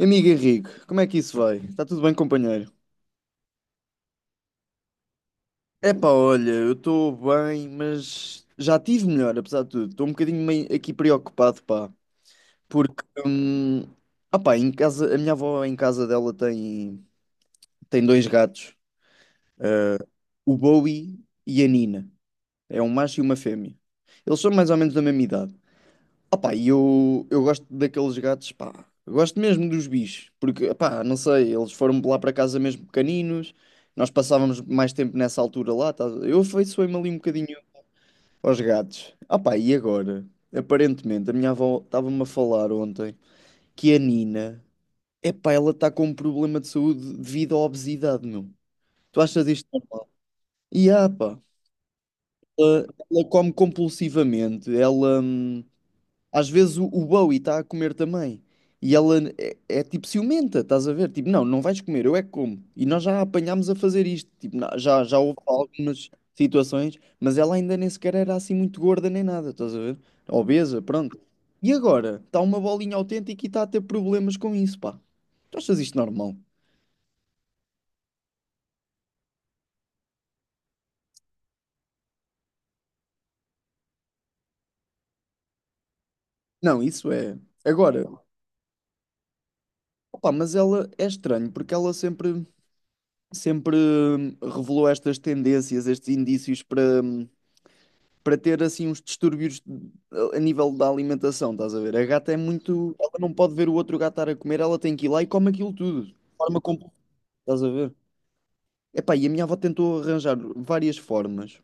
Amigo Henrique, como é que isso vai? Está tudo bem, companheiro? Epá, olha, eu estou bem, mas já tive melhor, apesar de tudo. Estou um bocadinho meio aqui preocupado, pá, porque, ah pá, em casa, a minha avó em casa dela tem dois gatos, eh, o Bowie e a Nina. É um macho e uma fêmea. Eles são mais ou menos da mesma idade. Opa, e eu gosto daqueles gatos, pá. Eu gosto mesmo dos bichos, porque, pá, não sei, eles foram lá para casa mesmo pequeninos, nós passávamos mais tempo nessa altura lá, tá? Eu afeiçoei-me ali um bocadinho aos gatos. Opa, e agora? Aparentemente, a minha avó estava-me a falar ontem que a Nina, epá, ela está com um problema de saúde devido à obesidade, meu. Tu achas isto? E, ah, pá, ela, ela come compulsivamente, ela. Às vezes o Bowie está a comer também. E ela é tipo ciumenta, estás a ver? Tipo, não, não vais comer, eu é que como. E nós já a apanhámos a fazer isto. Tipo, já houve algumas situações, mas ela ainda nem sequer era assim muito gorda nem nada, estás a ver? Obesa, pronto. E agora? Está uma bolinha autêntica e está a ter problemas com isso, pá. Tu achas isto normal? Não, isso é. Agora, opá, mas ela é estranho porque ela sempre, sempre revelou estas tendências, estes indícios para ter assim uns distúrbios a nível da alimentação, estás a ver? A gata é muito. Ela não pode ver o outro gato estar a comer, ela tem que ir lá e come aquilo tudo, de forma completa, estás a ver? Epá, e a minha avó tentou arranjar várias formas.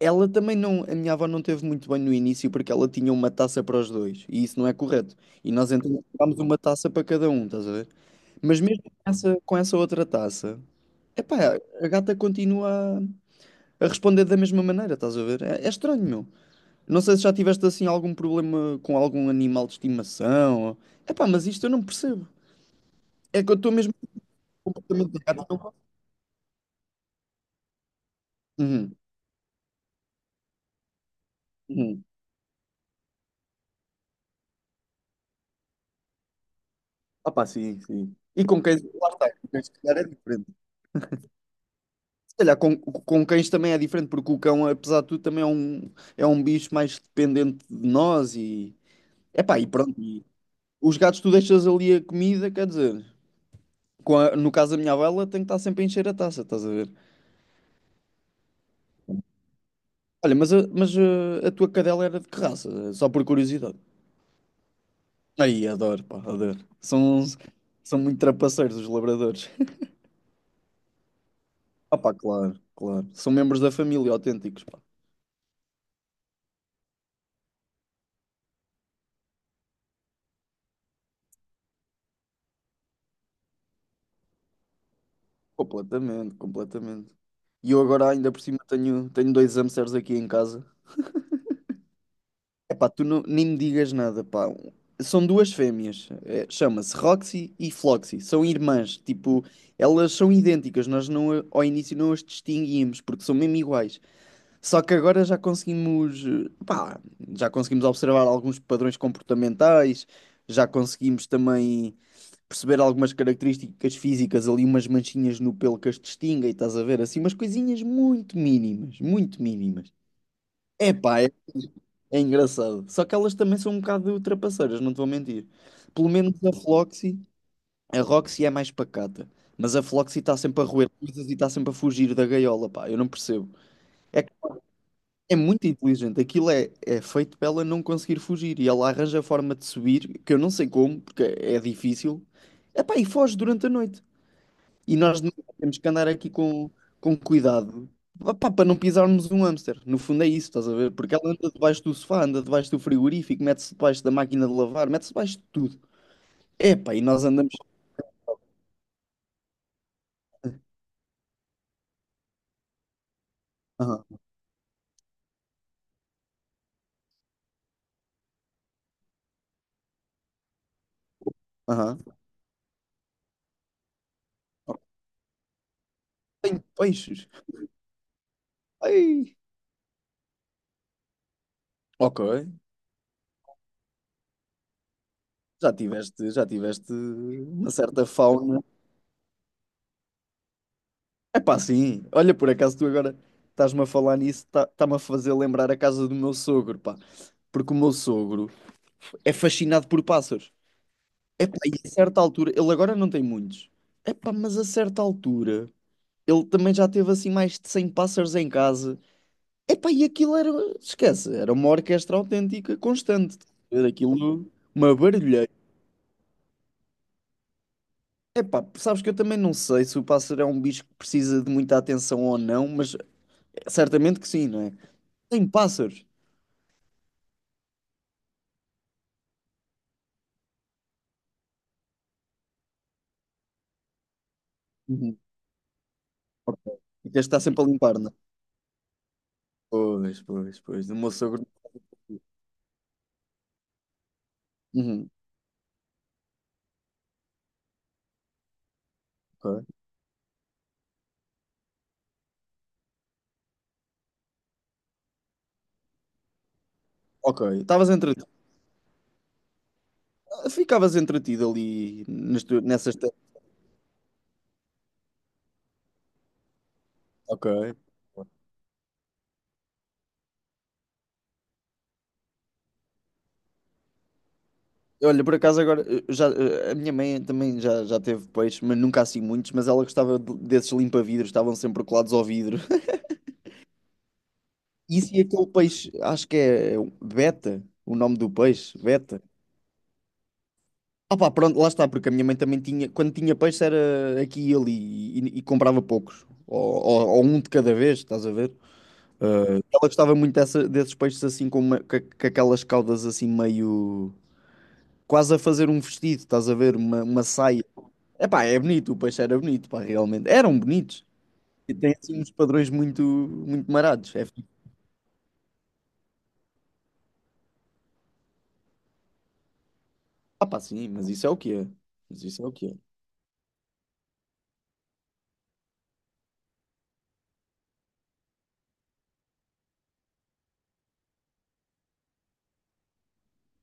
Ela também não. A minha avó não teve muito bem no início porque ela tinha uma taça para os dois e isso não é correto. E nós então dámos uma taça para cada um, estás a ver? Mas mesmo com essa outra taça, epá, a gata continua a responder da mesma maneira, estás a ver? É estranho, meu. Não sei se já tiveste assim algum problema com algum animal de estimação. Ou... Epá, mas isto eu não percebo. É que eu estou mesmo com o comportamento de gato. Não... Uhum, uhum. Ah pá, sim, sim. E com cães, lá está, com cães se calhar é diferente. Se calhar com cães também é diferente, porque o cão, apesar de tudo, também é um bicho mais dependente de nós e... Epá, e pronto. E os gatos tu deixas ali a comida, quer dizer, no caso da minha avó, ela tem que estar sempre a encher a taça, estás a ver? Olha, mas a tua cadela era de que raça? Só por curiosidade. Aí, adoro, pá, adoro. São muito trapaceiros os labradores. Ah, pá, claro, claro. São membros da família autênticos, pá. Completamente, completamente. E eu agora, ainda por cima, tenho dois hamsters aqui em casa. É pá, tu não, nem me digas nada, pá. São duas fêmeas. É, chama-se Roxy e Floxy. São irmãs. Tipo, elas são idênticas. Nós não, ao início não as distinguíamos porque são mesmo iguais. Só que agora já conseguimos observar alguns padrões comportamentais, já conseguimos também perceber algumas características físicas ali, umas manchinhas no pelo que as distinguem, estás a ver? Assim, umas coisinhas muito mínimas, muito mínimas. Epá, é engraçado. Só que elas também são um bocado trapaceiras, não te vou mentir. Pelo menos a Floxy, a Roxy é mais pacata. Mas a Floxy está sempre a roer coisas e está sempre a fugir da gaiola, pá, eu não percebo. É É muito inteligente. Aquilo é feito para ela não conseguir fugir e ela arranja a forma de subir, que eu não sei como, porque é difícil. Epá, e foge durante a noite. E nós de manhã temos que andar aqui com cuidado. Epá, para não pisarmos um hamster. No fundo é isso, estás a ver? Porque ela anda debaixo do sofá, anda debaixo do frigorífico, mete-se debaixo da máquina de lavar, mete-se debaixo de tudo. Epá, e nós andamos. Aham, aham. Tem peixes. Ai. Ok. Já tiveste uma certa fauna. É pá, sim. Olha, por acaso tu agora estás-me a falar nisso, está-me a fazer lembrar a casa do meu sogro, pá. Porque o meu sogro é fascinado por pássaros. É pá, e a certa altura, ele agora não tem muitos. É pá, mas a certa altura, ele também já teve assim mais de 100 pássaros em casa. É pá, e aquilo era, esquece, era uma orquestra autêntica, constante. Era aquilo, uma barulheira. É pá, sabes que eu também não sei se o pássaro é um bicho que precisa de muita atenção ou não, mas certamente que sim, não é? Tem pássaros. Ok. E tens de estar sempre a limpar, não, é? Pois, pois, pois. O meu sogro. Uhum. Ok, ok. Estavas entretido. Ficavas entretido ali nas nessas. Ok. Olha, por acaso agora, a minha mãe também já teve peixe, mas nunca assim muitos, mas ela gostava desses limpa-vidros, estavam sempre colados ao vidro. Isso e aquele peixe, acho que é beta, o nome do peixe, beta. Ah pá, pronto, lá está, porque a minha mãe também tinha, quando tinha peixe era aqui e ali, e comprava poucos, ou um de cada vez, estás a ver? Ela gostava muito desses peixes assim com aquelas caudas assim meio quase a fazer um vestido, estás a ver? Uma saia. Epá, é bonito, o peixe era bonito, pá, realmente. Eram bonitos. E tem assim uns padrões muito, muito marados. É, fixe. Ah, pá, sim, mas isso é o que é. Mas isso é o que é.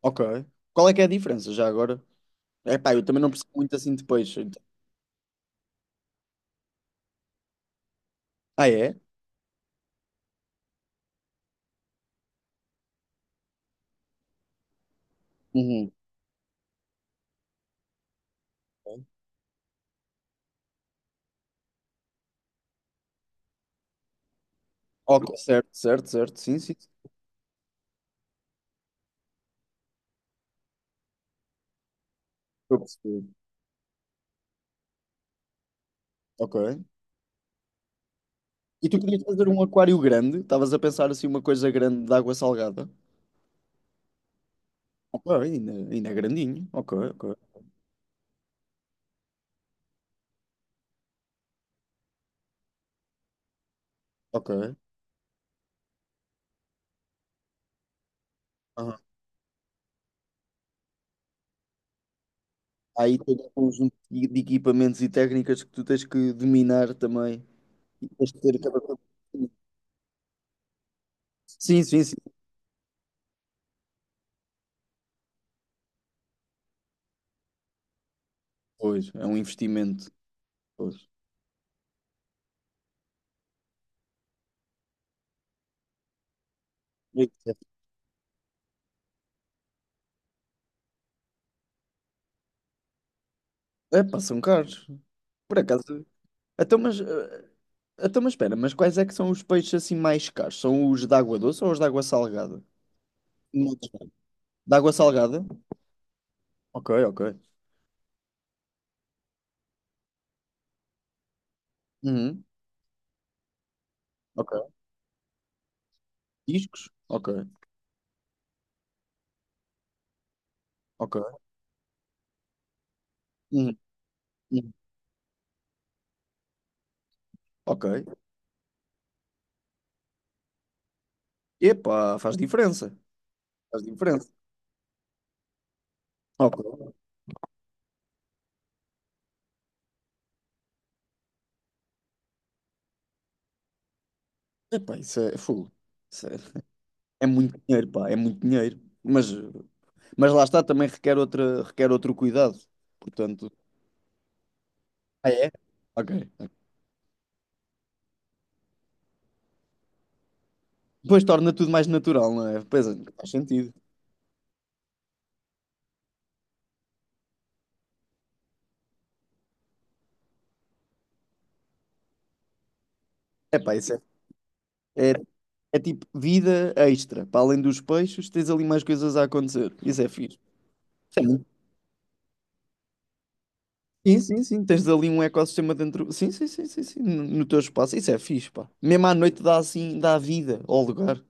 Ok. Qual é que é a diferença já agora? É pá, eu também não percebo muito assim de peixe. Então. Ah, é? Uhum. Ok, certo, certo, certo. Sim, sim, sim. Eu percebi. Ok. E tu querias fazer um aquário grande? Estavas a pensar assim uma coisa grande de água salgada? Ok, ainda é grandinho. Ok, ok, ok. Aham. Aí tem um conjunto de equipamentos e técnicas que tu tens que dominar também. E tens que ter cada coisa. Sim, sim, sim. Pois, é um investimento. Pois. É, pá, são caros. Por acaso. Então, mas. eh, Então, mas espera, mas quais é que são os peixes assim mais caros? São os de água doce ou os de água salgada? Não. De água salgada? Ok, ok. Uhum. Ok. Discos? Ok. Ok. Hum, hum. Ok. Epá, faz diferença. Faz diferença. Ok. Epá, isso é full. Isso é muito dinheiro, pá, é muito dinheiro. Mas lá está, também requer outra, requer outro cuidado. Portanto. Ah, é? Ok. Depois torna tudo mais natural, não é? Pois é, faz sentido. Epá, isso é, é tipo vida extra. Para além dos peixes, tens ali mais coisas a acontecer. Isso é fixe. Sim. Sim, sim, sim. Tens ali um ecossistema dentro. Sim, sim, sim, sim, sim. No teu espaço. Isso é fixe, pá. Mesmo à noite dá assim, dá vida ao lugar.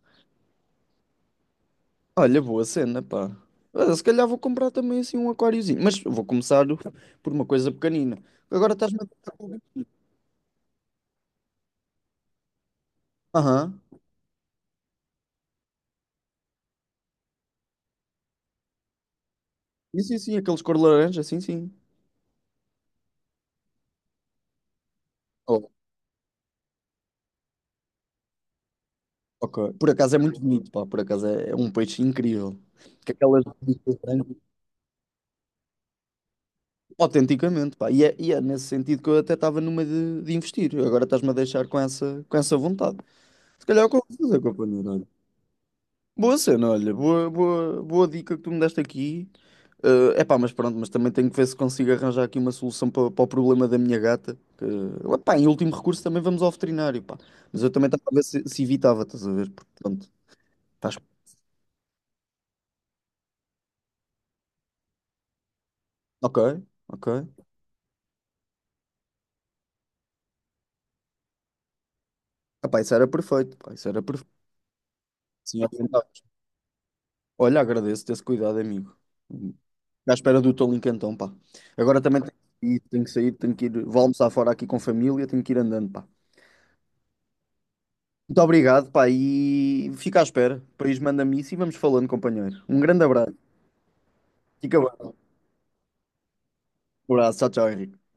Olha, boa cena, pá. Olha, se calhar vou comprar também assim um aquáriozinho. Mas vou começar por uma coisa pequenina. Agora estás-me a tocar com o gatinho. Aham. Sim, sim, sim. Aqueles cor laranja, sim, sim. Oh, ok. Por acaso é muito bonito, pá. Por acaso é um peixe incrível. Que aquelas bichas brancas. Autenticamente, pá. E é nesse sentido que eu até estava numa de investir. Agora estás-me a deixar com essa vontade. Se calhar é confusa, companheiro. Olha. Boa cena, olha. Boa, boa, boa dica que tu me deste aqui. É epá, mas pronto, mas também tenho que ver se consigo arranjar aqui uma solução para o problema da minha gata. Que, epá, em último recurso também vamos ao veterinário, pá. Mas eu também estava a ver se evitava, estás a ver? Porque, pronto, estás... Ok, ok. Epá, isso era perfeito, pá, isso era perfeito. Sim, orientavas. Olha, agradeço-te esse cuidado, amigo. À espera do teu link então, pá. Agora também tenho que ir, tenho que sair, tenho que ir. Vou almoçar fora aqui com a família, tenho que ir andando, pá. Muito obrigado, pá, e fica à espera. Depois manda-me isso e vamos falando, companheiro. Um grande abraço. Fica bem. Um abraço. Tchau, tchau, Henrique.